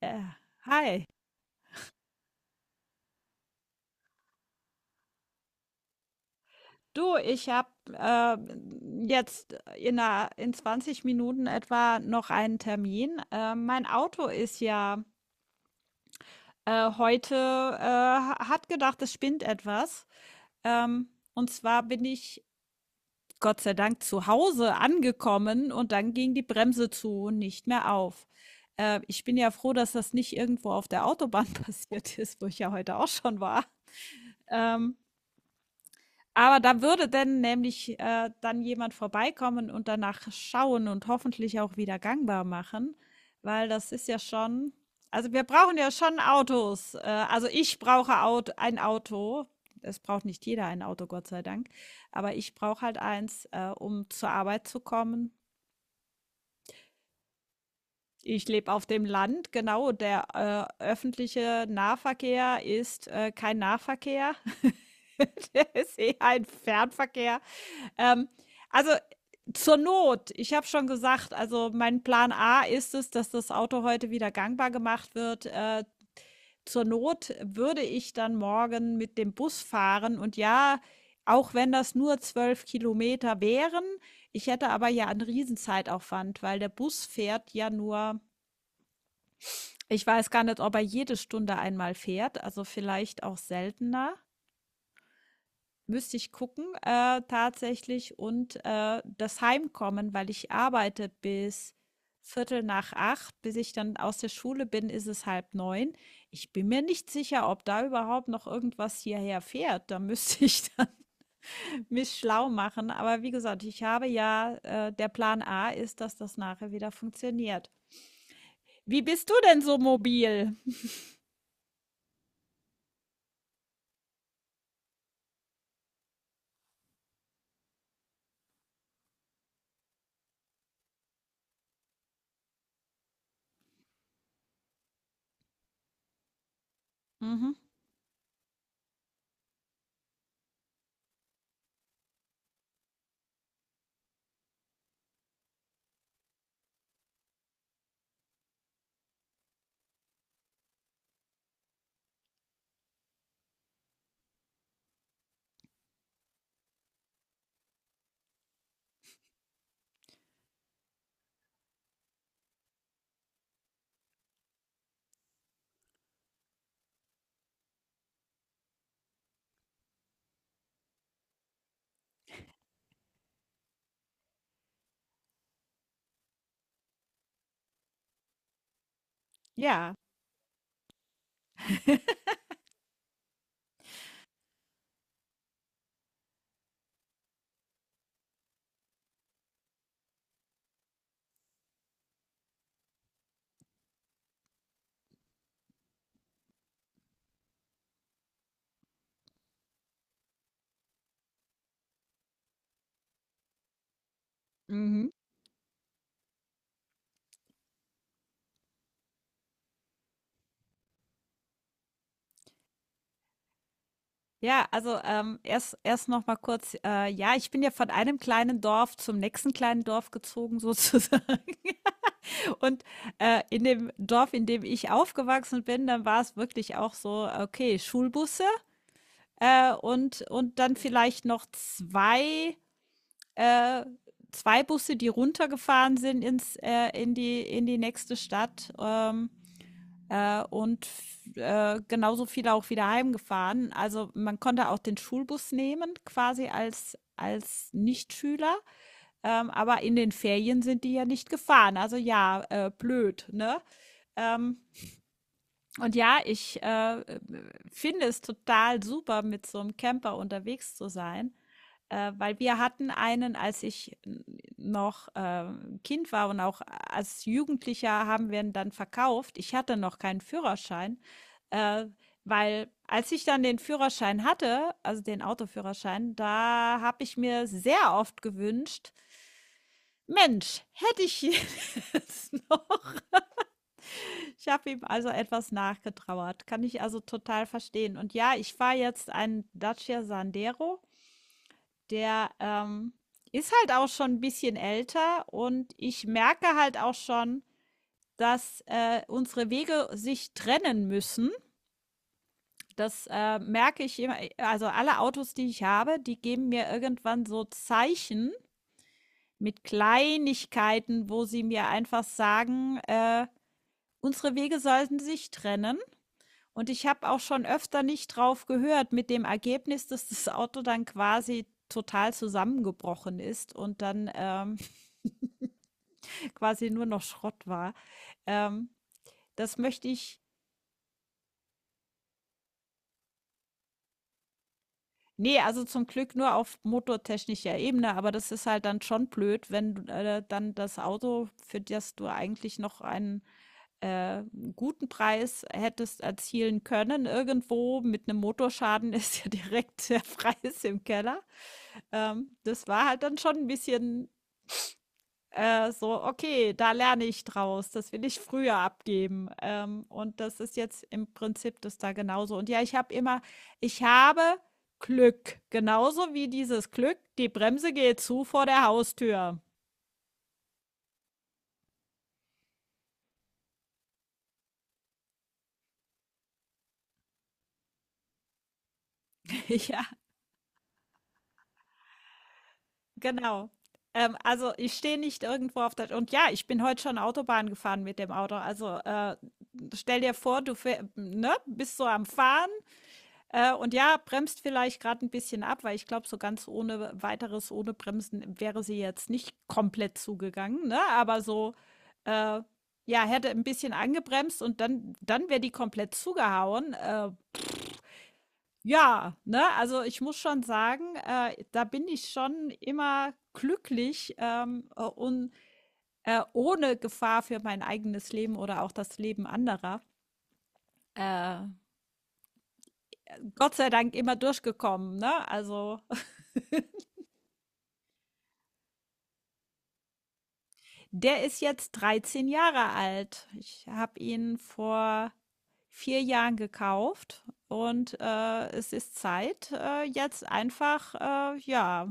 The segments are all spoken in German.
Äh, hi. Du, ich habe äh, jetzt in 20 Minuten etwa noch einen Termin. Mein Auto ist ja heute, hat gedacht, es spinnt etwas. Ähm, und zwar bin ich Gott sei Dank zu Hause angekommen, und dann ging die Bremse zu und nicht mehr auf. Ich bin ja froh, dass das nicht irgendwo auf der Autobahn passiert ist, wo ich ja heute auch schon war. Ähm, Aber da würde denn nämlich dann jemand vorbeikommen und danach schauen und hoffentlich auch wieder gangbar machen, weil das ist ja schon, also wir brauchen ja schon Autos. Also ich brauche Aut ein Auto. Es braucht nicht jeder ein Auto, Gott sei Dank. Aber ich brauche halt eins, um zur Arbeit zu kommen. Ich lebe auf dem Land, genau. Der öffentliche Nahverkehr ist kein Nahverkehr. Der ist eher ein Fernverkehr. Ähm, also zur Not, ich habe schon gesagt, also mein Plan A ist es, dass das Auto heute wieder gangbar gemacht wird. Zur Not würde ich dann morgen mit dem Bus fahren, und ja, auch wenn das nur 12 Kilometer wären, ich hätte aber ja einen Riesenzeitaufwand, weil der Bus fährt ja nur, ich weiß gar nicht, ob er jede Stunde einmal fährt, also vielleicht auch seltener. Müsste ich gucken, tatsächlich, und, das Heimkommen, weil ich arbeite bis Viertel nach acht, bis ich dann aus der Schule bin, ist es halb neun. Ich bin mir nicht sicher, ob da überhaupt noch irgendwas hierher fährt. Da müsste ich dann mich schlau machen. Aber wie gesagt, ich habe ja, der Plan A ist, dass das nachher wieder funktioniert. Wie bist du denn so mobil? Mhm. Ja. Mhm. Ja, also erst noch mal kurz, ja, ich bin ja von einem kleinen Dorf zum nächsten kleinen Dorf gezogen sozusagen. Und in dem Dorf, in dem ich aufgewachsen bin, dann war es wirklich auch so, okay, Schulbusse, und dann vielleicht noch äh, zwei Busse, die runtergefahren sind in die nächste Stadt. Und genauso viele auch wieder heimgefahren. Also man konnte auch den Schulbus nehmen, quasi als Nichtschüler. Aber in den Ferien sind die ja nicht gefahren. Also ja, blöd, ne? Ähm, und ja, ich finde es total super, mit so einem Camper unterwegs zu sein, weil wir hatten einen, als ich noch Kind war, und auch als Jugendlicher haben wir ihn dann verkauft. Ich hatte noch keinen Führerschein, äh, weil als ich dann den Führerschein hatte, also den Autoführerschein, da habe ich mir sehr oft gewünscht, Mensch, hätte ich jetzt noch, ich habe ihm also etwas nachgetrauert. Kann ich also total verstehen. Und ja, ich fahre jetzt einen Dacia Sandero. Der ist halt auch schon ein bisschen älter, und ich merke halt auch schon, dass unsere Wege sich trennen müssen. Das merke ich immer. Also alle Autos, die ich habe, die geben mir irgendwann so Zeichen mit Kleinigkeiten, wo sie mir einfach sagen, unsere Wege sollten sich trennen. Und ich habe auch schon öfter nicht drauf gehört, mit dem Ergebnis, dass das Auto dann quasi total zusammengebrochen ist und dann quasi nur noch Schrott war. Ähm, das möchte ich, nee, also zum Glück nur auf motortechnischer Ebene, aber das ist halt dann schon blöd, wenn du, dann das Auto, für das du eigentlich noch einen äh, guten Preis hättest erzielen können, irgendwo mit einem Motorschaden ist ja direkt der Preis im Keller. Das war halt dann schon ein bisschen, so: „Okay, da lerne ich draus, das will ich früher abgeben." Und das ist jetzt im Prinzip das da genauso. Und ja, ich habe immer, ich habe Glück, genauso wie dieses Glück, die Bremse geht zu vor der Haustür. Ja, genau. Also, ich stehe nicht irgendwo auf der, und ja, ich bin heute schon Autobahn gefahren mit dem Auto. Also, stell dir vor, du fäh ne, bist so am Fahren. Und ja, bremst vielleicht gerade ein bisschen ab, weil ich glaube, so ganz ohne weiteres, ohne Bremsen wäre sie jetzt nicht komplett zugegangen, ne? Aber so, äh, ja, hätte ein bisschen angebremst, und dann wäre die komplett zugehauen. Ja, ne? Also, ich muss schon sagen, da bin ich schon immer glücklich, und, ohne Gefahr für mein eigenes Leben oder auch das Leben anderer, äh, Gott sei Dank immer durchgekommen, ne? Also. Der ist jetzt 13 Jahre alt. Ich habe ihn vor 4 Jahren gekauft, und es ist Zeit, jetzt einfach, ja,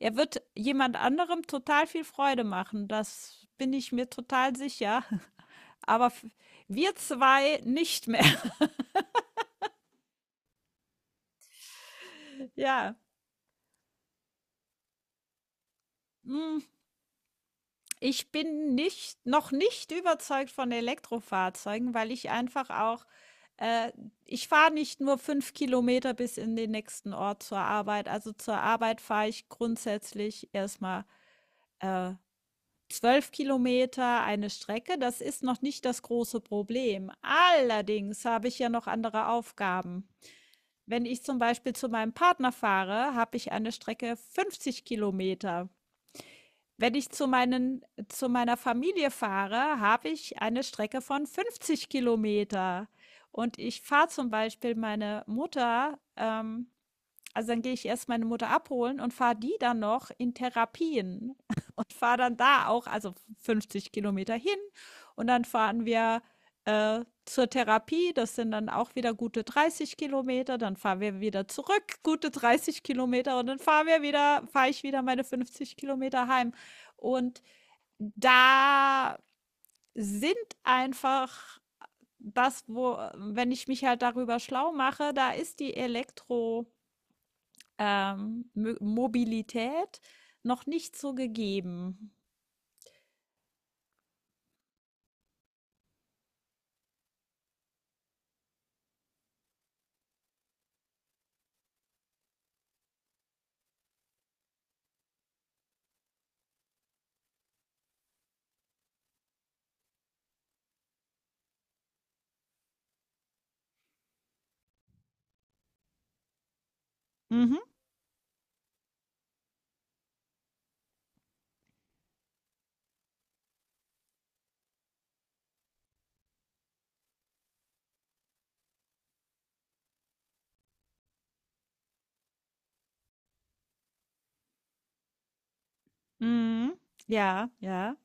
er wird jemand anderem total viel Freude machen. Das bin ich mir total sicher. Aber wir zwei nicht mehr. Ja. Mm. Ich bin nicht, noch nicht überzeugt von Elektrofahrzeugen, weil ich einfach auch äh, ich fahre nicht nur 5 Kilometer bis in den nächsten Ort zur Arbeit. Also zur Arbeit fahre ich grundsätzlich erst mal, äh, 12 km eine Strecke. Das ist noch nicht das große Problem. Allerdings habe ich ja noch andere Aufgaben. Wenn ich zum Beispiel zu meinem Partner fahre, habe ich eine Strecke 50 Kilometer. Wenn ich zu meiner Familie fahre, habe ich eine Strecke von 50 Kilometer, und ich fahre zum Beispiel meine Mutter, also, dann gehe ich erst meine Mutter abholen und fahre die dann noch in Therapien und fahre dann da auch, also 50 Kilometer hin, und dann fahren wir, zur Therapie. Das sind dann auch wieder gute 30 Kilometer. Dann fahren wir wieder zurück, gute 30 Kilometer, und dann fahre ich wieder meine 50 Kilometer heim. Und da sind einfach das, wo wenn ich mich halt darüber schlau mache, da ist die Elektro, Mobilität noch nicht so gegeben. Mhm. Mhm. Ja, ja,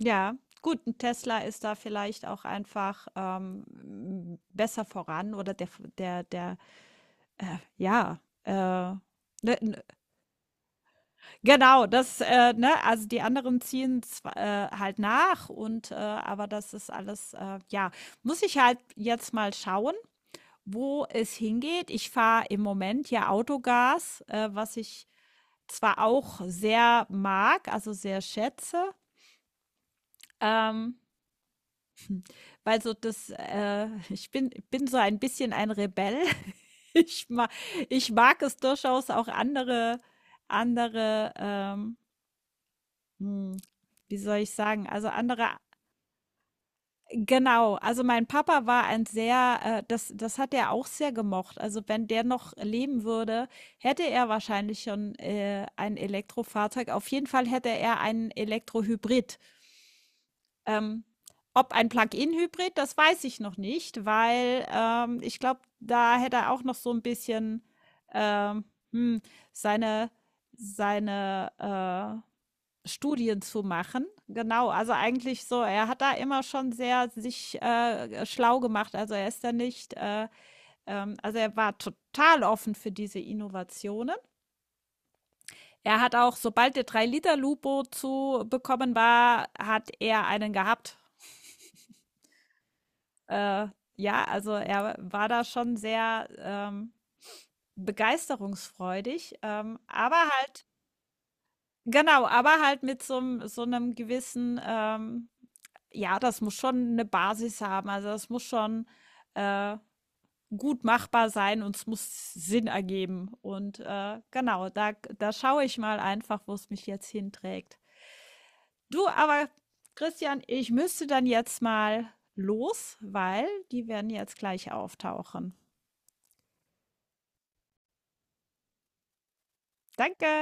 ja. Gut, ein Tesla ist da vielleicht auch einfach besser voran, oder der, äh, ja, äh, ne, n- genau, das, ne, also die anderen ziehen zwar, halt nach, und, aber das ist alles, ja, muss ich halt jetzt mal schauen, wo es hingeht. Ich fahre im Moment ja Autogas, was ich zwar auch sehr mag, also sehr schätze, ähm, weil so das, ich bin so ein bisschen ein Rebell. Ich mag, ich mag es durchaus auch andere, andere, ähm, hm, wie soll ich sagen, also andere. Genau, also mein Papa war ein sehr das hat er auch sehr gemocht. Also, wenn der noch leben würde, hätte er wahrscheinlich schon, ein Elektrofahrzeug. Auf jeden Fall hätte er einen Elektrohybrid. Ähm, ob ein Plug-in-Hybrid, das weiß ich noch nicht, weil, ich glaube, da hätte er auch noch so ein bisschen, ähm, hm, seine seine Studien zu machen. Genau, also eigentlich so, er hat da immer schon sehr sich schlau gemacht. Also er ist da nicht, also er war total offen für diese Innovationen. Er hat auch, sobald der 3 Liter Lupo zu bekommen war, hat er einen gehabt. Äh, ja, also er war da schon sehr begeisterungsfreudig, aber halt. Genau, aber halt mit so 'nem gewissen, ja, das muss schon eine Basis haben. Also, das muss schon, äh, gut machbar sein, und es muss Sinn ergeben. Und, genau, da schaue ich mal einfach, wo es mich jetzt hinträgt. Du, aber Christian, ich müsste dann jetzt mal los, weil die werden jetzt gleich auftauchen. Danke.